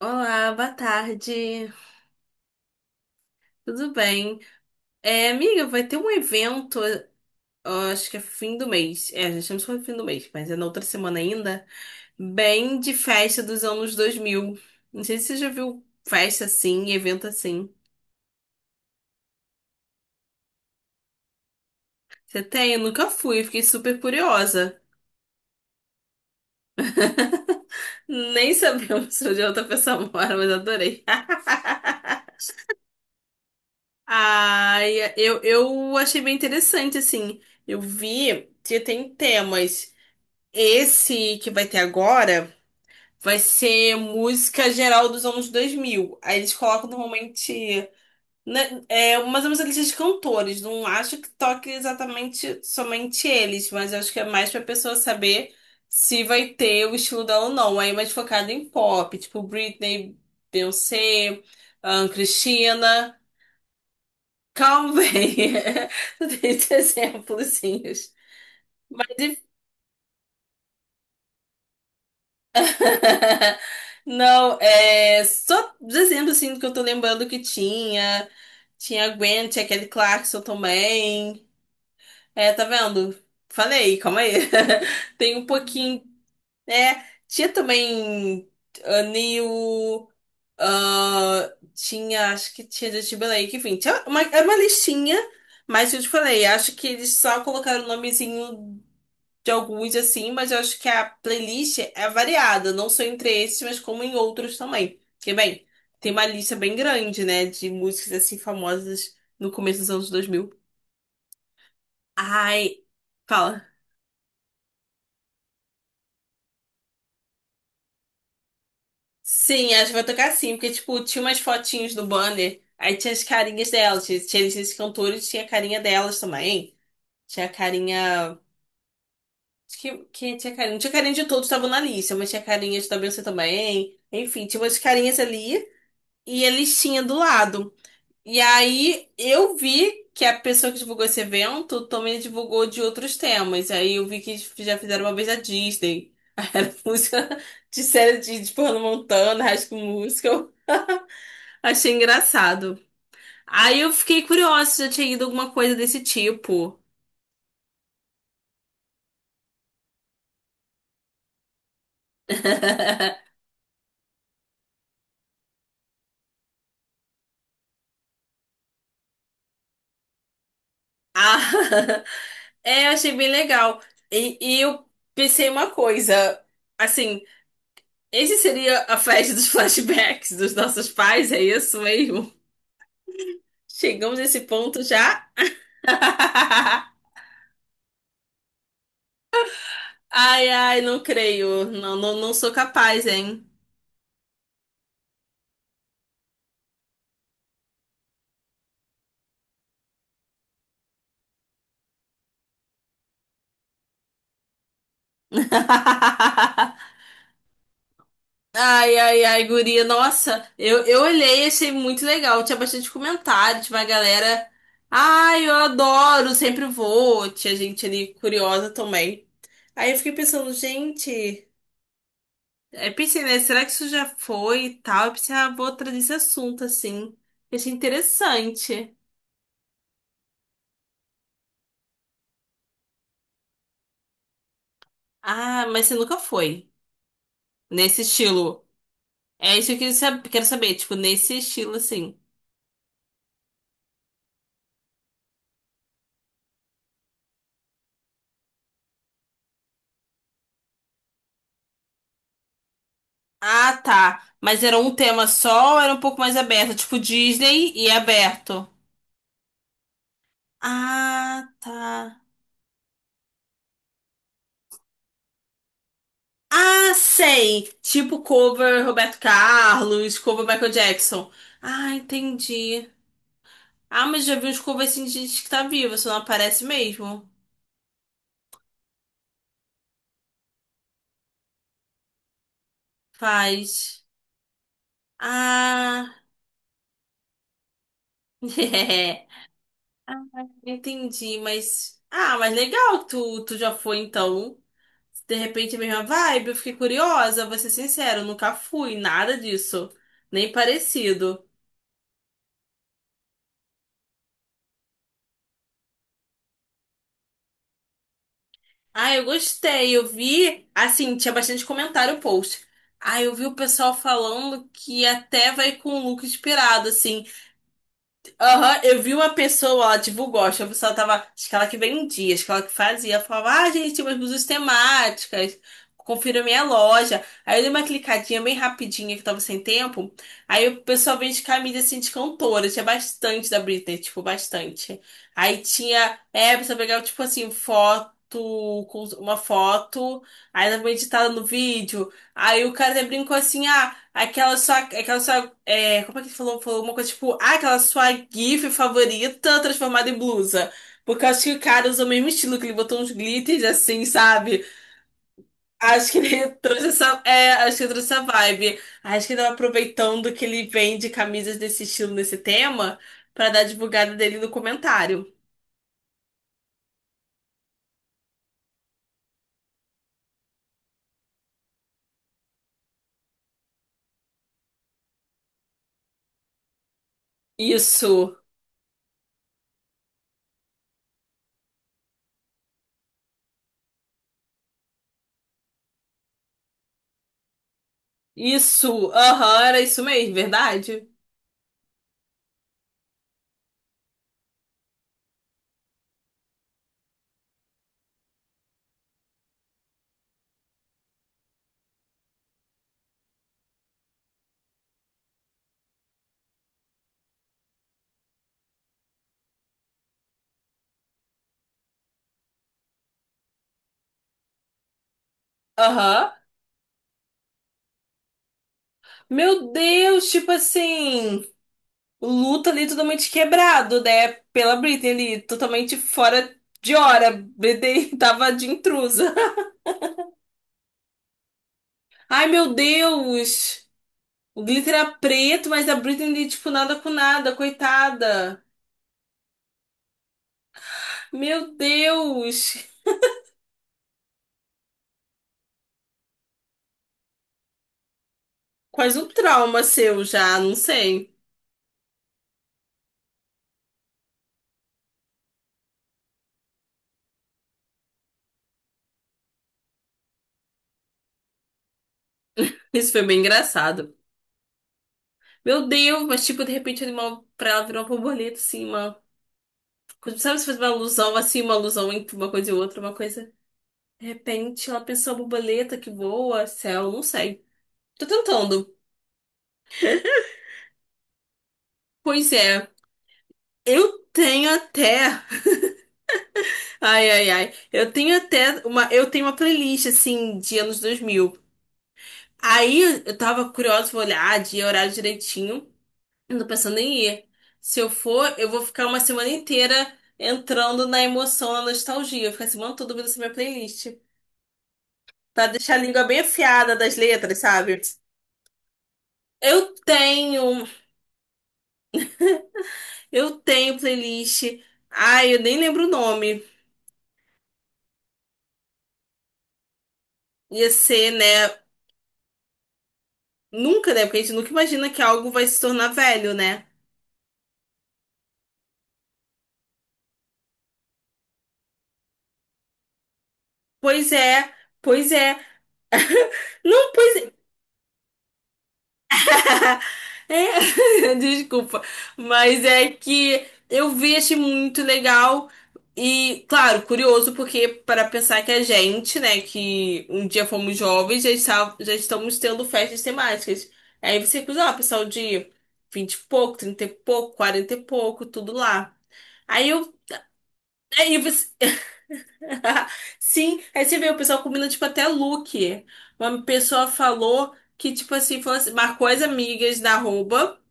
Olá, boa tarde. Tudo bem? Amiga, vai ter um evento, ó, acho que é fim do mês. É, já estamos no fim do mês, mas é na outra semana ainda. Bem de festa dos anos 2000. Não sei se você já viu festa assim, evento assim. Você tem? Eu nunca fui, fiquei super curiosa. Nem sabemos onde a outra pessoa mora, mas adorei. Ai, eu achei bem interessante, assim. Eu vi que tem temas. Esse que vai ter agora vai ser música geral dos anos 2000. Aí eles colocam normalmente, né, mais ou menos a lista de cantores. Não acho que toque exatamente somente eles, mas eu acho que é mais pra pessoa saber se vai ter o estilo dela ou não. Aí mais focado em pop, tipo Britney, Beyoncé, Christina. Calma aí. Não tem exemplos. Mas não, é só dizendo assim do que eu tô lembrando que tinha. Tinha a Gwen, tinha Kelly Clarkson também. É, tá vendo? Falei, calma aí. Tem um pouquinho. É, tinha também a Neil. Ah, tinha, acho que tinha Justin Timberlake, enfim, tinha uma, era uma listinha, mas eu te falei, acho que eles só colocaram o nomezinho de alguns assim, mas eu acho que a playlist é variada, não só entre esses, mas como em outros também. Porque, bem, tem uma lista bem grande, né, de músicas assim famosas no começo dos anos 2000. Ai, fala. Sim, acho que vai tocar sim, porque, tipo, tinha umas fotinhos no banner, aí tinha as carinhas delas, tinha esses cantores, tinha a carinha delas também, tinha a carinha... Acho que, tinha carinha? Não tinha carinha de todos que estavam na lista, mas tinha carinhas da Beyoncé também. Enfim, tinha umas carinhas ali e a listinha do lado. E aí eu vi que a pessoa que divulgou esse evento também divulgou de outros temas. Aí eu vi que eles já fizeram uma vez a Disney. Aí era música de série de Hannah Montana, High School Musical. Achei engraçado. Aí eu fiquei curiosa se já tinha ido alguma coisa desse tipo. Ah, é, achei bem legal. E eu pensei uma coisa, assim, esse seria a festa dos flashbacks dos nossos pais, é isso mesmo? Chegamos nesse ponto já? Ai, ai, não creio. Não, não, não sou capaz, hein? Ai, ai, ai, guria. Nossa, eu olhei e achei muito legal. Tinha bastante comentário, tinha uma galera. Ai, eu adoro, sempre vou. Tinha gente ali curiosa também. Aí eu fiquei pensando, gente. Aí pensei, né? Será que isso já foi e tal? Eu pensei, ah, vou trazer esse assunto assim. Eu achei interessante. Ah, mas você nunca foi. Nesse estilo. É isso que eu quero saber, tipo, nesse estilo, assim. Ah, tá. Mas era um tema só ou era um pouco mais aberto? Tipo, Disney e aberto. Ah, tá. Ah, sei. Tipo cover Roberto Carlos, cover Michael Jackson. Ah, entendi. Ah, mas já vi uns covers assim de gente que tá viva, só não aparece mesmo. Faz. Ah, é. Ah, entendi, mas. Ah, mas legal, tu já foi então. Se de repente é a mesma vibe, eu fiquei curiosa, vou ser sincero, nunca fui, nada disso. Nem parecido. Ah, eu gostei, eu vi. Assim, tinha bastante comentário o post. Ah, eu vi o pessoal falando que até vai com o look inspirado, assim. Aham, eu vi uma pessoa, ela divulgou, acho que a pessoa tava, acho que ela que vendia, acho que ela que fazia, ela falava, ah, gente, umas blusas temáticas, confira minha loja. Aí eu dei uma clicadinha bem rapidinha que eu tava sem tempo, aí o pessoal vende camisa assim de cantora, tinha bastante da Britney, tipo, bastante. Aí tinha, você pegava, tipo assim, foto, com uma foto, aí ela foi editada no vídeo, aí o cara até brincou assim, ah, Aquela sua. É, como é que ele falou? Falou uma coisa tipo. Ah, aquela sua GIF favorita transformada em blusa. Porque eu acho que o cara usou o mesmo estilo, que ele botou uns glitters assim, sabe? Acho que ele trouxe essa. É, acho que ele trouxe essa vibe. Acho que ele tava aproveitando que ele vende camisas desse estilo, nesse tema, pra dar a divulgada dele no comentário. Isso. Isso. Aham, era isso mesmo, verdade? Aham. Meu Deus, tipo assim. O luto ali é totalmente quebrado, né? Pela Britney ali, totalmente fora de hora. Britney tava de intrusa. Ai, meu Deus! O glitter era preto, mas a Britney ali, tipo, nada com nada, coitada. Meu Deus! Quase um trauma seu já, não sei. Isso foi bem engraçado. Meu Deus, mas tipo, de repente, ali uma, pra ela virar uma borboleta, assim, uma... Sabe se faz uma alusão, assim, uma alusão entre uma coisa e outra, uma coisa... De repente, ela pensou a borboleta que voa, céu, não sei. Tô tentando. Pois é, eu tenho até. Ai, ai, ai. Eu tenho até uma. Eu tenho uma playlist, assim, de anos 2000. Aí eu tava curiosa, vou olhar, dia, horário direitinho. Eu tô pensando em ir. Se eu for, eu vou ficar uma semana inteira entrando na emoção, na nostalgia. Eu vou ficar a semana toda ouvindo essa minha playlist. Pra deixar a língua bem afiada das letras, sabe? Eu tenho. Eu tenho playlist. Ai, eu nem lembro o nome. Ia ser, né? Nunca, né? Porque a gente nunca imagina que algo vai se tornar velho, né? Pois é, pois é. Não, pois é. É, desculpa. Mas é que eu vi, achei muito legal. E, claro, curioso, porque para pensar que a gente, né, que um dia fomos jovens, já, já estamos tendo festas temáticas. Aí você cruza, ó, pessoal de 20 e pouco, 30 e pouco, 40 e pouco, tudo lá. Aí eu. Aí você. Sim, aí você vê o pessoal combina, tipo, até look. Uma pessoa falou que, tipo assim, falou assim, marcou as amigas da arroba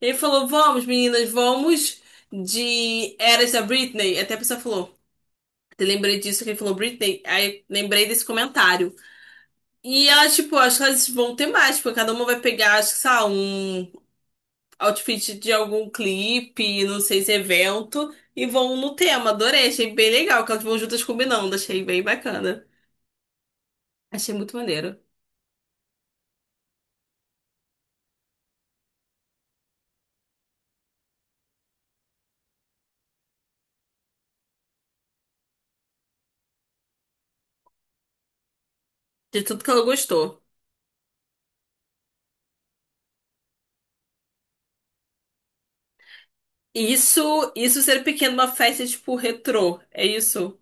e falou, vamos, meninas, vamos de Eras da Britney. Até a pessoa falou, eu lembrei disso que ele falou Britney. Aí lembrei desse comentário. E elas, tipo, acho que elas vão ter mais, porque cada uma vai pegar, acho que, sei lá, um outfit de algum clipe, não sei se é evento, e vão no tema. Adorei, achei bem legal que elas vão juntas combinando, achei bem bacana. Achei muito maneiro. De tudo que ela gostou. E isso ser pequeno, uma festa tipo retrô. É isso?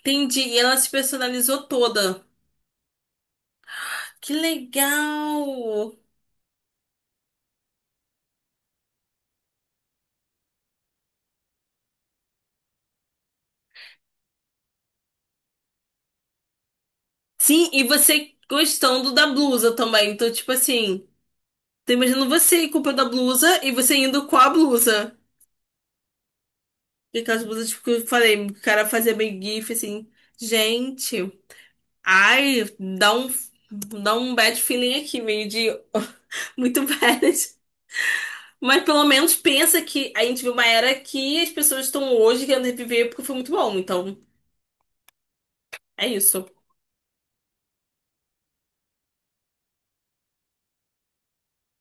Entendi. E ela se personalizou toda. Que legal! Sim, e você gostando da blusa também. Então, tipo assim, tô imaginando você comprando a blusa e você indo com a blusa. E aquelas blusas, tipo, que eu falei, o cara fazia meio gif assim. Gente, ai, dá um, dá um bad feeling aqui, meio de muito bad. Mas pelo menos pensa que a gente viu uma era que as pessoas estão hoje querendo reviver porque foi muito bom. Então, é isso.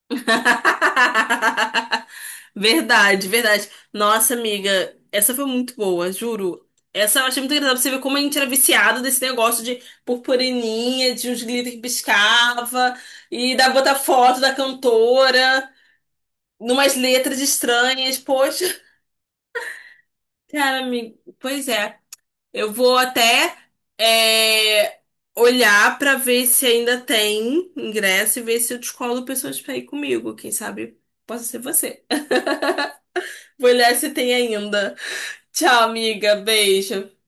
Verdade, verdade. Nossa, amiga, essa foi muito boa, juro. Essa eu achei muito engraçada pra você ver como a gente era viciado desse negócio de purpurininha, de uns glitter que piscava, e da botar foto da cantora, numas letras estranhas. Poxa, cara, amiga, pois é. Eu vou até é, olhar pra ver se ainda tem ingresso e ver se eu descolo pessoas pra ir comigo. Quem sabe possa ser você. Vou olhar se tem ainda. Tchau, amiga. Beijo.